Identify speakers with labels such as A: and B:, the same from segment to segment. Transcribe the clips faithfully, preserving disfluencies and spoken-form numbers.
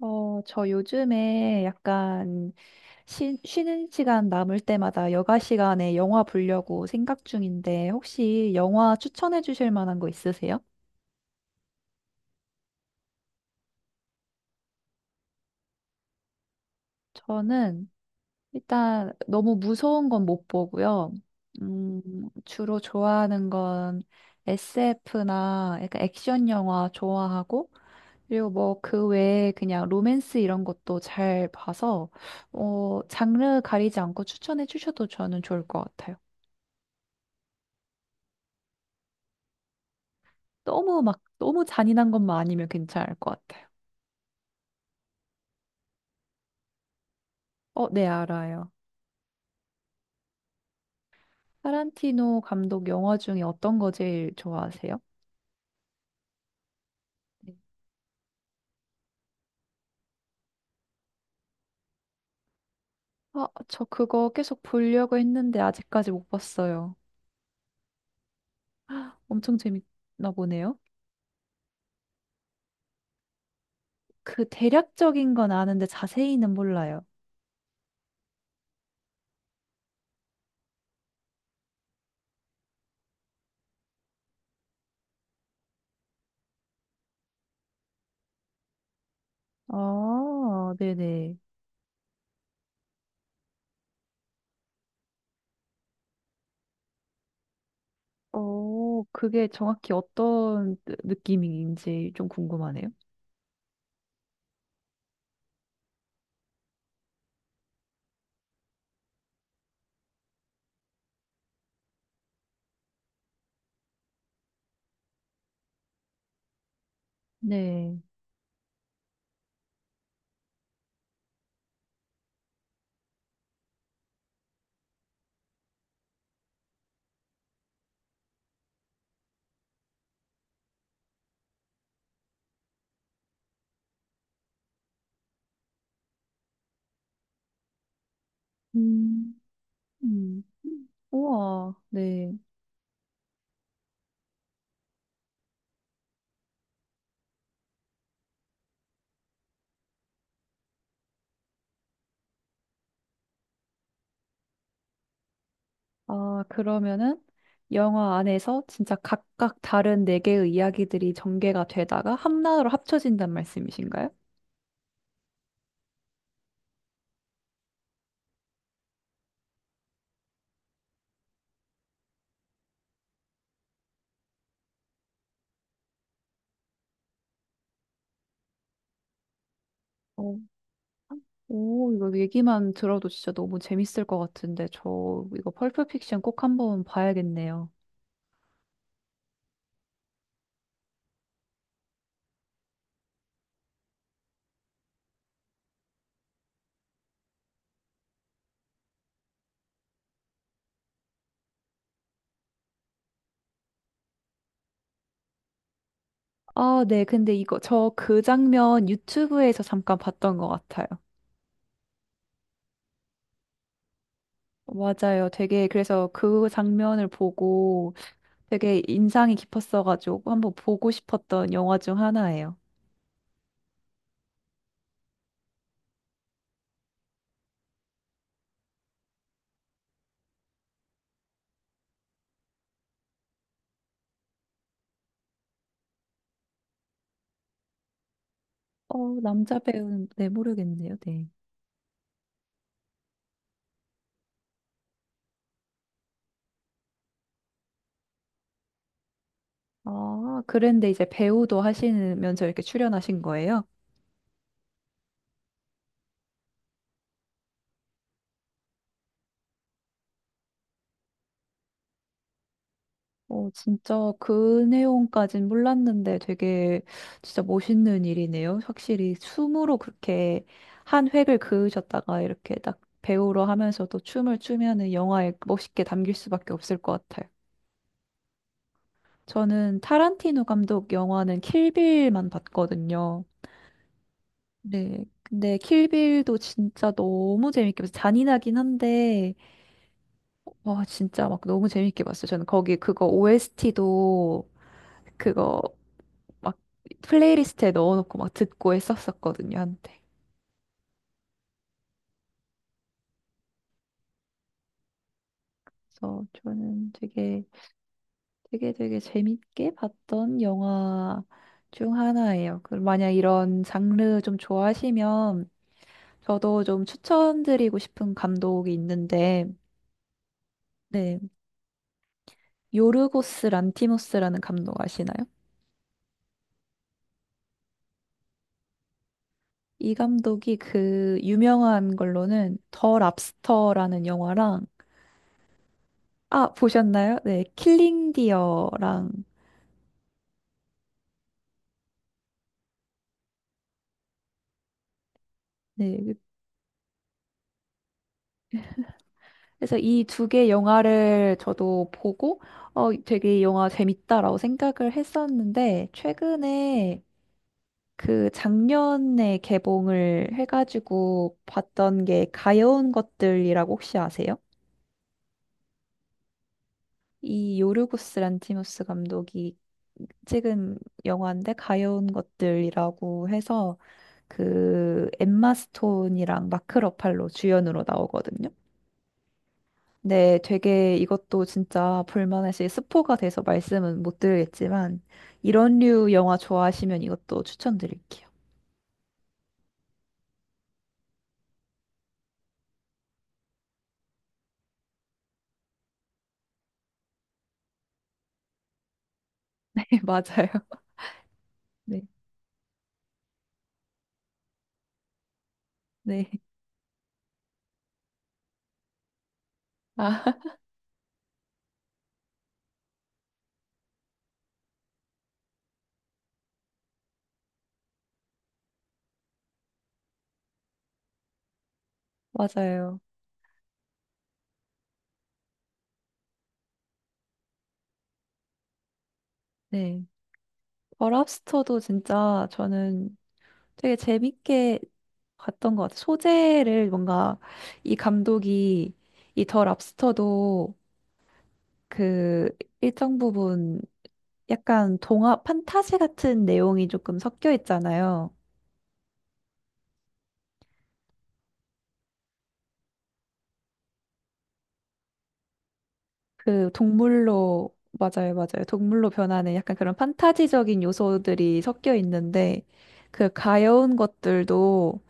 A: 어, 저 요즘에 약간 쉬, 쉬는 시간 남을 때마다 여가 시간에 영화 보려고 생각 중인데 혹시 영화 추천해 주실 만한 거 있으세요? 저는 일단 너무 무서운 건 못 보고요. 음, 주로 좋아하는 건 에스에프나 약간 액션 영화 좋아하고 그리고 뭐 그 외에 그냥 로맨스 이런 것도 잘 봐서 어, 장르 가리지 않고 추천해 주셔도 저는 좋을 것 같아요. 너무 막 너무 잔인한 것만 아니면 괜찮을 것 같아요. 어, 네, 알아요. 타란티노 감독 영화 중에 어떤 거 제일 좋아하세요? 네. 아, 저 그거 계속 보려고 했는데 아직까지 못 봤어요. 엄청 재밌나 보네요. 그 대략적인 건 아는데 자세히는 몰라요. 아, 네네. 어, 그게 정확히 어떤 느- 느낌인지 좀 궁금하네요. 네. 음, 음. 우와, 네. 아, 그러면은 영화 안에서 진짜 각각 다른 네 개의 이야기들이 전개가 되다가 하나로 합쳐진단 말씀이신가요? 어. 오, 이거 얘기만 들어도 진짜 너무 재밌을 것 같은데 저 이거 펄프 픽션 꼭 한번 봐야겠네요. 아, 네. 근데 이거 저 그 장면 유튜브에서 잠깐 봤던 것 같아요. 맞아요. 되게 그래서 그 장면을 보고 되게 인상이 깊었어가지고 한번 보고 싶었던 영화 중 하나예요. 어, 남자 배우는 네, 모르겠네요. 네. 아, 그런데 이제 배우도 하시면서 이렇게 출연하신 거예요? 어, 진짜 그 내용까진 몰랐는데 되게 진짜 멋있는 일이네요. 확실히 춤으로 그렇게 한 획을 그으셨다가 이렇게 딱 배우로 하면서도 춤을 추면은 영화에 멋있게 담길 수밖에 없을 것 같아요. 저는 타란티노 감독 영화는 킬빌만 봤거든요. 네. 근데 킬빌도 진짜 너무 재밌게 봐서 잔인하긴 한데 와, 진짜 막 너무 재밌게 봤어요. 저는 거기 그거 오에스티도 그거 막 플레이리스트에 넣어놓고 막 듣고 했었었거든요, 한때. 그래서 저는 되게 되게 되게 재밌게 봤던 영화 중 하나예요. 그 만약 이런 장르 좀 좋아하시면 저도 좀 추천드리고 싶은 감독이 있는데, 네, 요르고스 란티모스라는 감독 아시나요? 이 감독이 그 유명한 걸로는 더 랍스터라는 영화랑 아, 보셨나요? 네, 킬링 디어랑 네. 그래서 이 두 개 영화를 저도 보고 어 되게 이 영화 재밌다라고 생각을 했었는데 최근에 그 작년에 개봉을 해가지고 봤던 게 가여운 것들이라고 혹시 아세요? 이 요르고스 란티모스 감독이 찍은 영화인데 가여운 것들이라고 해서 그 엠마 스톤이랑 마크 러팔로 주연으로 나오거든요. 네, 되게 이것도 진짜 볼만하실 스포가 돼서 말씀은 못 드리겠지만 이런 류 영화 좋아하시면 이것도 추천드릴게요. 네, 맞아요. 네, 네, 아, 맞아요. 네, 버랍스터도 진짜 저는 되게 재밌게 봤던 것 같아요. 소재를 뭔가 이 감독이 이 더 랍스터도 그 일정 부분 약간 동화 판타지 같은 내용이 조금 섞여 있잖아요. 그 동물로 맞아요, 맞아요. 동물로 변하는 약간 그런 판타지적인 요소들이 섞여 있는데 그 가여운 것들도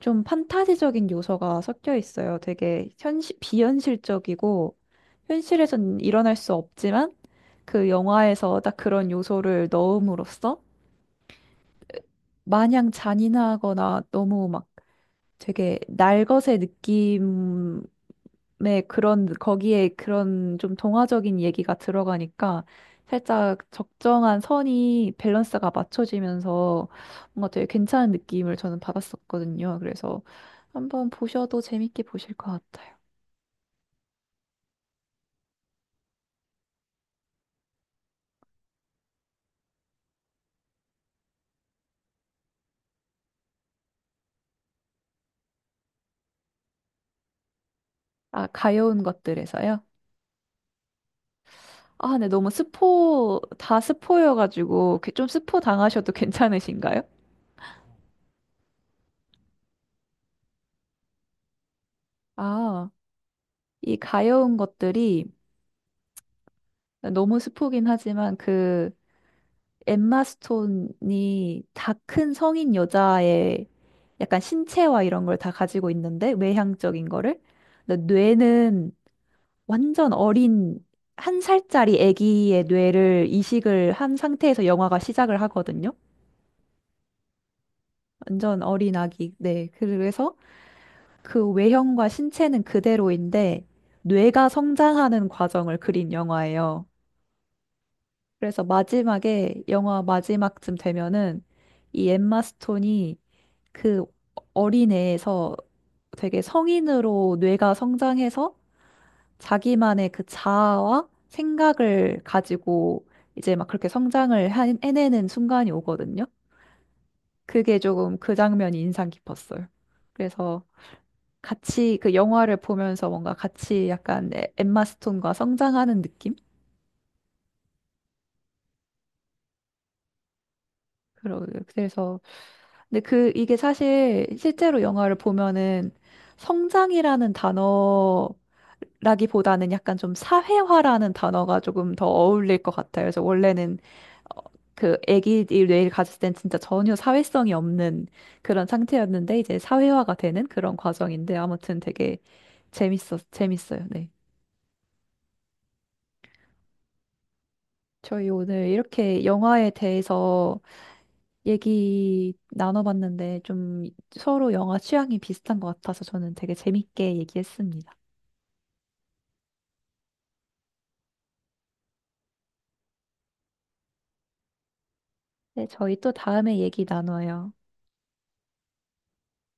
A: 좀 판타지적인 요소가 섞여 있어요. 되게 현실 비현실적이고 현실에선 일어날 수 없지만 그 영화에서 딱 그런 요소를 넣음으로써 마냥 잔인하거나 너무 막 되게 날것의 느낌 네, 그런, 거기에 그런 좀 동화적인 얘기가 들어가니까 살짝 적정한 선이 밸런스가 맞춰지면서 뭔가 되게 괜찮은 느낌을 저는 받았었거든요. 그래서 한번 보셔도 재밌게 보실 것 같아요. 아, 가여운 것들에서요? 아, 네, 너무 스포, 다 스포여가지고 그좀 스포 당하셔도 괜찮으신가요? 아, 이 가여운 것들이 너무 스포긴 하지만 그 엠마 스톤이 다 큰 성인 여자의 약간 신체와 이런 걸 다 가지고 있는데 외향적인 거를 근데 뇌는 완전 어린 한 살짜리 아기의 뇌를 이식을 한 상태에서 영화가 시작을 하거든요. 완전 어린 아기. 네. 그래서 그 외형과 신체는 그대로인데 뇌가 성장하는 과정을 그린 영화예요. 그래서 마지막에 영화 마지막쯤 되면은 이 엠마 스톤이 그 어린애에서 되게 성인으로 뇌가 성장해서 자기만의 그 자아와 생각을 가지고 이제 막 그렇게 성장을 한- 해내는 순간이 오거든요. 그게 조금 그 장면이 인상 깊었어요. 그래서 같이 그 영화를 보면서 뭔가 같이 약간 에- 엠마 스톤과 성장하는 느낌? 그러 그래서 근데 그 이게 사실 실제로 영화를 보면은 성장이라는 단어라기보다는 약간 좀 사회화라는 단어가 조금 더 어울릴 것 같아요. 그래서 원래는 어, 그 아기의 뇌를 가졌을 땐 진짜 전혀 사회성이 없는 그런 상태였는데 이제 사회화가 되는 그런 과정인데 아무튼 되게 재밌었 재밌어요. 네. 저희 오늘 이렇게 영화에 대해서 얘기 나눠봤는데 좀 서로 영화 취향이 비슷한 것 같아서 저는 되게 재밌게 얘기했습니다. 네, 저희 또 다음에 얘기 나눠요.